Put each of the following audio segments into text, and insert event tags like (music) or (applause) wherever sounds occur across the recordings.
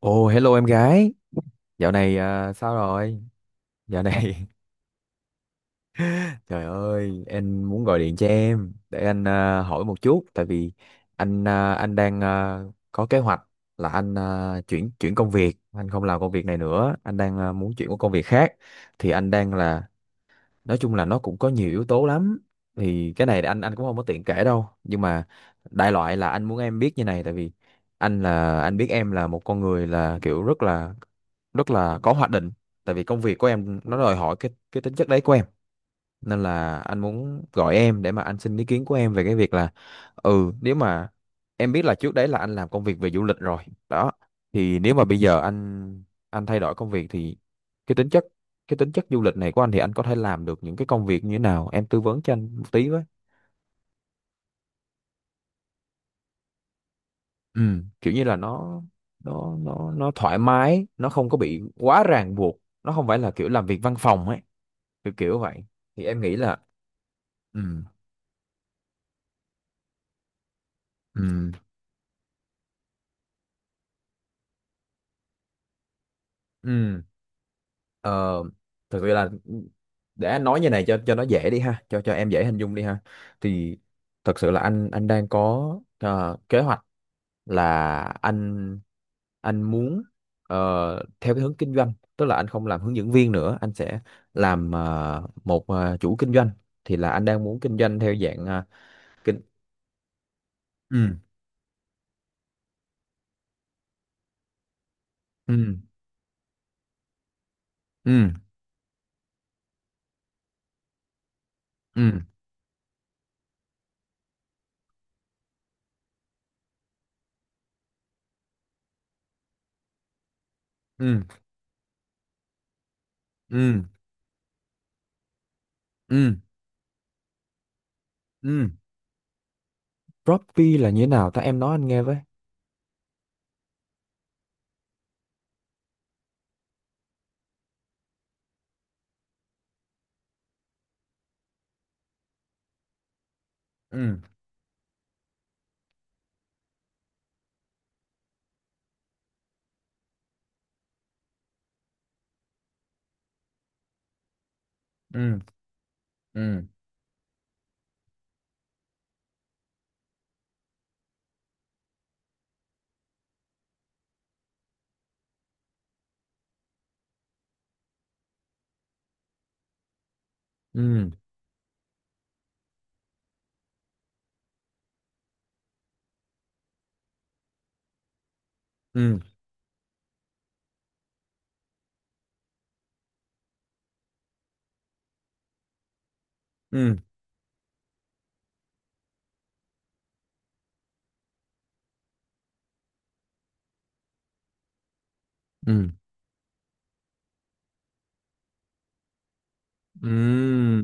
Ồ, hello em gái. Dạo này à, sao rồi? Dạo này, (laughs) trời ơi, em muốn gọi điện cho em để anh hỏi một chút, tại vì anh đang có kế hoạch là anh chuyển chuyển công việc, anh không làm công việc này nữa, anh đang muốn chuyển qua công việc khác. Thì anh đang là, Nói chung là nó cũng có nhiều yếu tố lắm. Thì cái này anh cũng không có tiện kể đâu, nhưng mà đại loại là anh muốn em biết như này, tại vì anh biết em là một con người là kiểu rất là có hoạch định, tại vì công việc của em nó đòi hỏi cái tính chất đấy của em, nên là anh muốn gọi em để mà anh xin ý kiến của em về cái việc là. Ừ, nếu mà em biết là trước đấy là anh làm công việc về du lịch rồi đó, thì nếu mà bây giờ anh thay đổi công việc thì cái tính chất cái tính chất du lịch này của anh thì anh có thể làm được những cái công việc như thế nào, em tư vấn cho anh một tí với. Ừ, kiểu như là nó thoải mái, nó không có bị quá ràng buộc, nó không phải là kiểu làm việc văn phòng ấy, kiểu kiểu vậy. Thì em nghĩ là. Ừ. Ừ. Ừ. ờ, Thực sự là, để nói như này cho nó dễ đi ha, cho em dễ hình dung đi ha, thì thật sự là anh đang có kế hoạch là anh muốn theo cái hướng kinh doanh, tức là anh không làm hướng dẫn viên nữa, anh sẽ làm một, chủ kinh doanh. Thì là anh đang muốn kinh doanh theo dạng ờ, kinh ừ. Ừ. Ừ. Ừ. Ừ. Ừ. Ừ. Ừ. Droppy là như thế nào ta, em nói anh nghe với. Ừ. Ừ. Ừ. Ừ. Ừ. Ừ. Ừ. Ừ.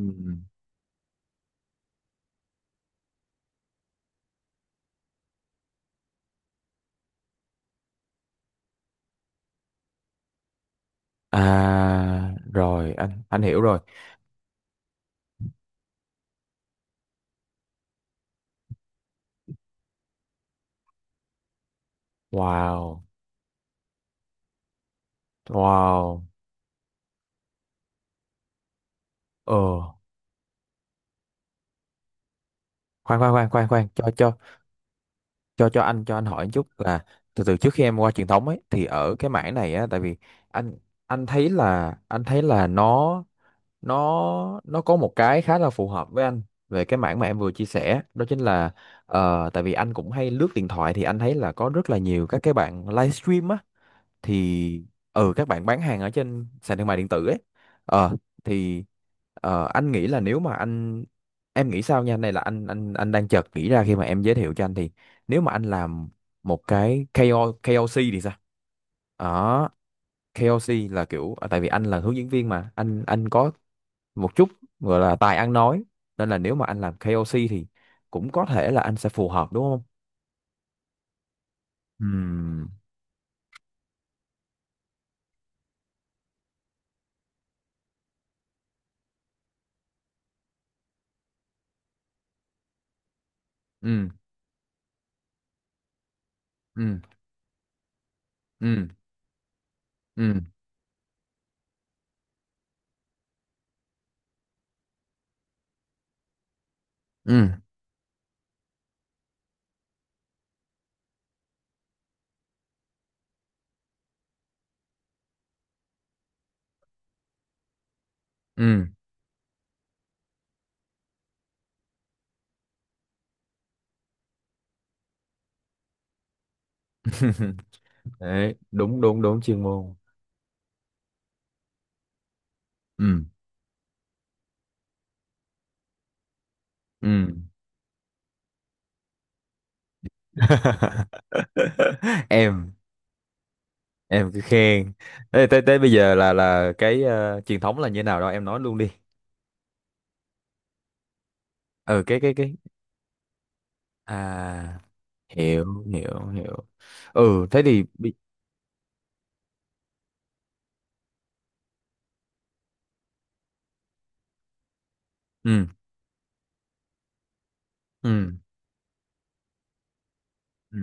À rồi, anh hiểu rồi. Wow. Wow. Ờ, khoan khoan khoan khoan khoan, cho anh hỏi một chút là, từ từ trước khi em qua truyền thống ấy thì ở cái mảng này á, tại vì anh, anh thấy là nó, nó có một cái khá là phù hợp với anh về cái mảng mà em vừa chia sẻ đó, chính là tại vì anh cũng hay lướt điện thoại thì anh thấy là có rất là nhiều các cái bạn livestream á, thì. Ừ, các bạn bán hàng ở trên sàn thương mại điện tử ấy. ờ thì anh nghĩ là nếu mà anh em nghĩ sao nha, này là anh đang chợt nghĩ ra khi mà em giới thiệu cho anh, thì nếu mà anh làm một cái ca O ca O KOC thì sao đó. KOC là kiểu tại vì anh là hướng dẫn viên mà anh có một chút gọi là tài ăn nói, nên là nếu mà anh làm KOC thì cũng có thể là anh sẽ phù hợp, đúng không? Ừm. Ừm. Ừm. Ừm. Ừm. Ừm. Ừm. (laughs) Đấy, đúng đúng đúng chuyên môn. Ừm. Ừm. (laughs) Em em cứ khen. Ê, tới tới bây giờ là cái truyền thống là như nào đó em nói luôn đi. Ừ, cái à, hiểu hiểu hiểu. Ừ thế thì. Ừ. Ừ. Ừ.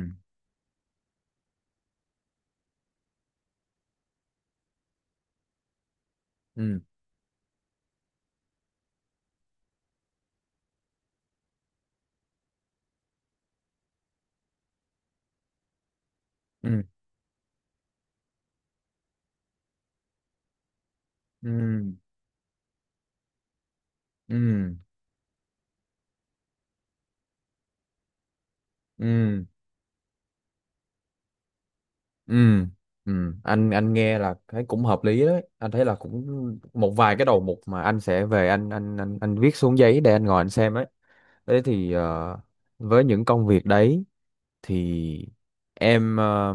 Ừ. Ừ. Ừ. Ừ. Ừ. Ừ. Anh nghe là thấy cũng hợp lý đấy, anh thấy là cũng một vài cái đầu mục mà anh sẽ về, anh, anh viết xuống giấy để anh ngồi anh xem ấy. Thế thì với những công việc đấy thì em ờ,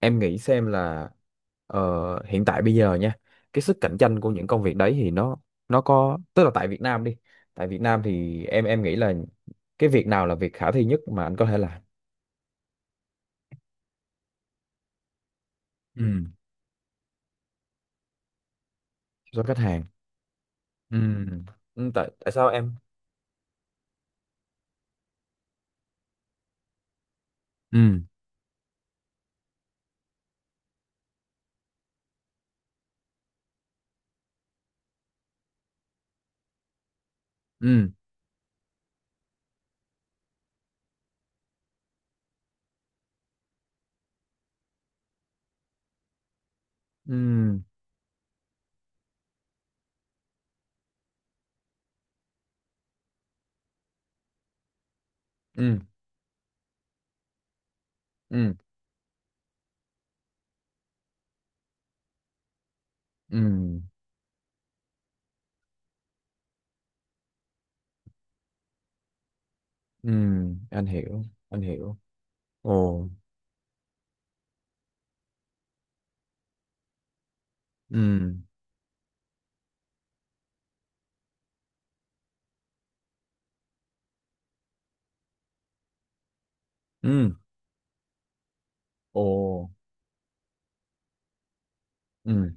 em nghĩ xem là hiện tại bây giờ nha, cái sức cạnh tranh của những công việc đấy thì nó có tức là tại Việt Nam đi, tại Việt Nam thì em nghĩ là cái việc nào là việc khả thi nhất mà anh có thể làm. Ừ. Cho khách hàng. Ừ, ừ, tại tại sao em. Ừ. Ừ. Ừ. Ừ. Ừ. Ừ. Ừ. Anh hiểu, anh hiểu. Ồ. Ừ. Ừ. Ồ. Ừ,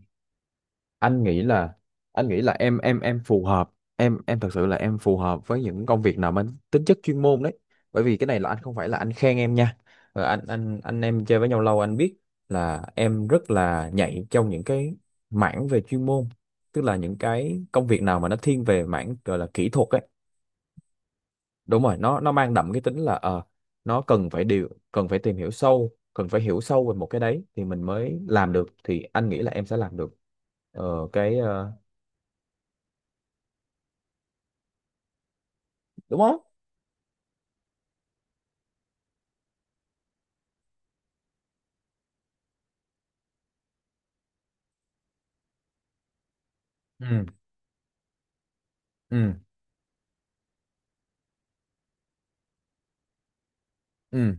anh nghĩ là anh nghĩ là em phù hợp, em thật sự là em phù hợp với những công việc nào mang tính chất chuyên môn đấy, bởi vì cái này là anh không phải là anh khen em nha. Ờ, anh em chơi với nhau lâu anh biết là em rất là nhạy trong những cái mảng về chuyên môn, tức là những cái công việc nào mà nó thiên về mảng gọi là kỹ thuật ấy. Đúng rồi, nó mang đậm cái tính là. Ờ nó cần phải tìm hiểu sâu, cần phải hiểu sâu về một cái đấy thì mình mới làm được, thì anh nghĩ là em sẽ làm được ờ, cái ờ, đúng không. Ừ. Ừ. Ừ.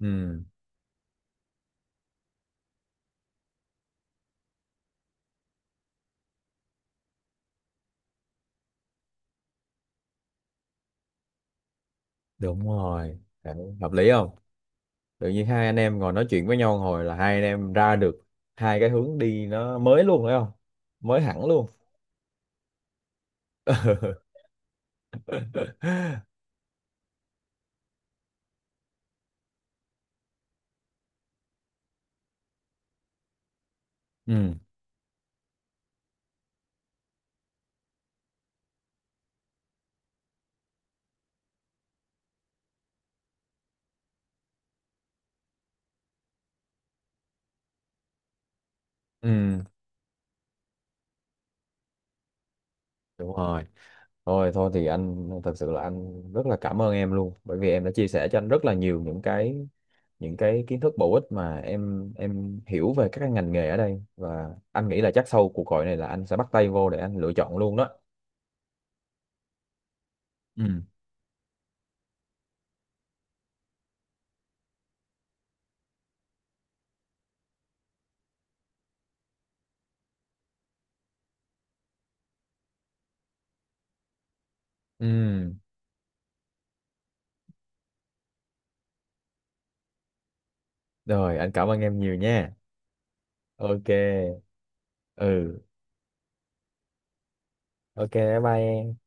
Ừ. Đúng rồi. Đấy, hợp lý không? Tự nhiên hai anh em ngồi nói chuyện với nhau hồi là hai anh em ra được hai cái hướng đi nó mới luôn, phải không? Mới hẳn luôn. (laughs) Ừ. Ừ. Đúng rồi. Thôi, thôi thì anh thật sự là anh rất là cảm ơn em luôn, bởi vì em đã chia sẻ cho anh rất là nhiều những cái kiến thức bổ ích mà em hiểu về các cái ngành nghề ở đây, và anh nghĩ là chắc sau cuộc gọi này là anh sẽ bắt tay vô để anh lựa chọn luôn đó. Ừ. Ừ. Rồi, anh cảm ơn em nhiều nha. Ok. Ừ. Ok, bye bye em.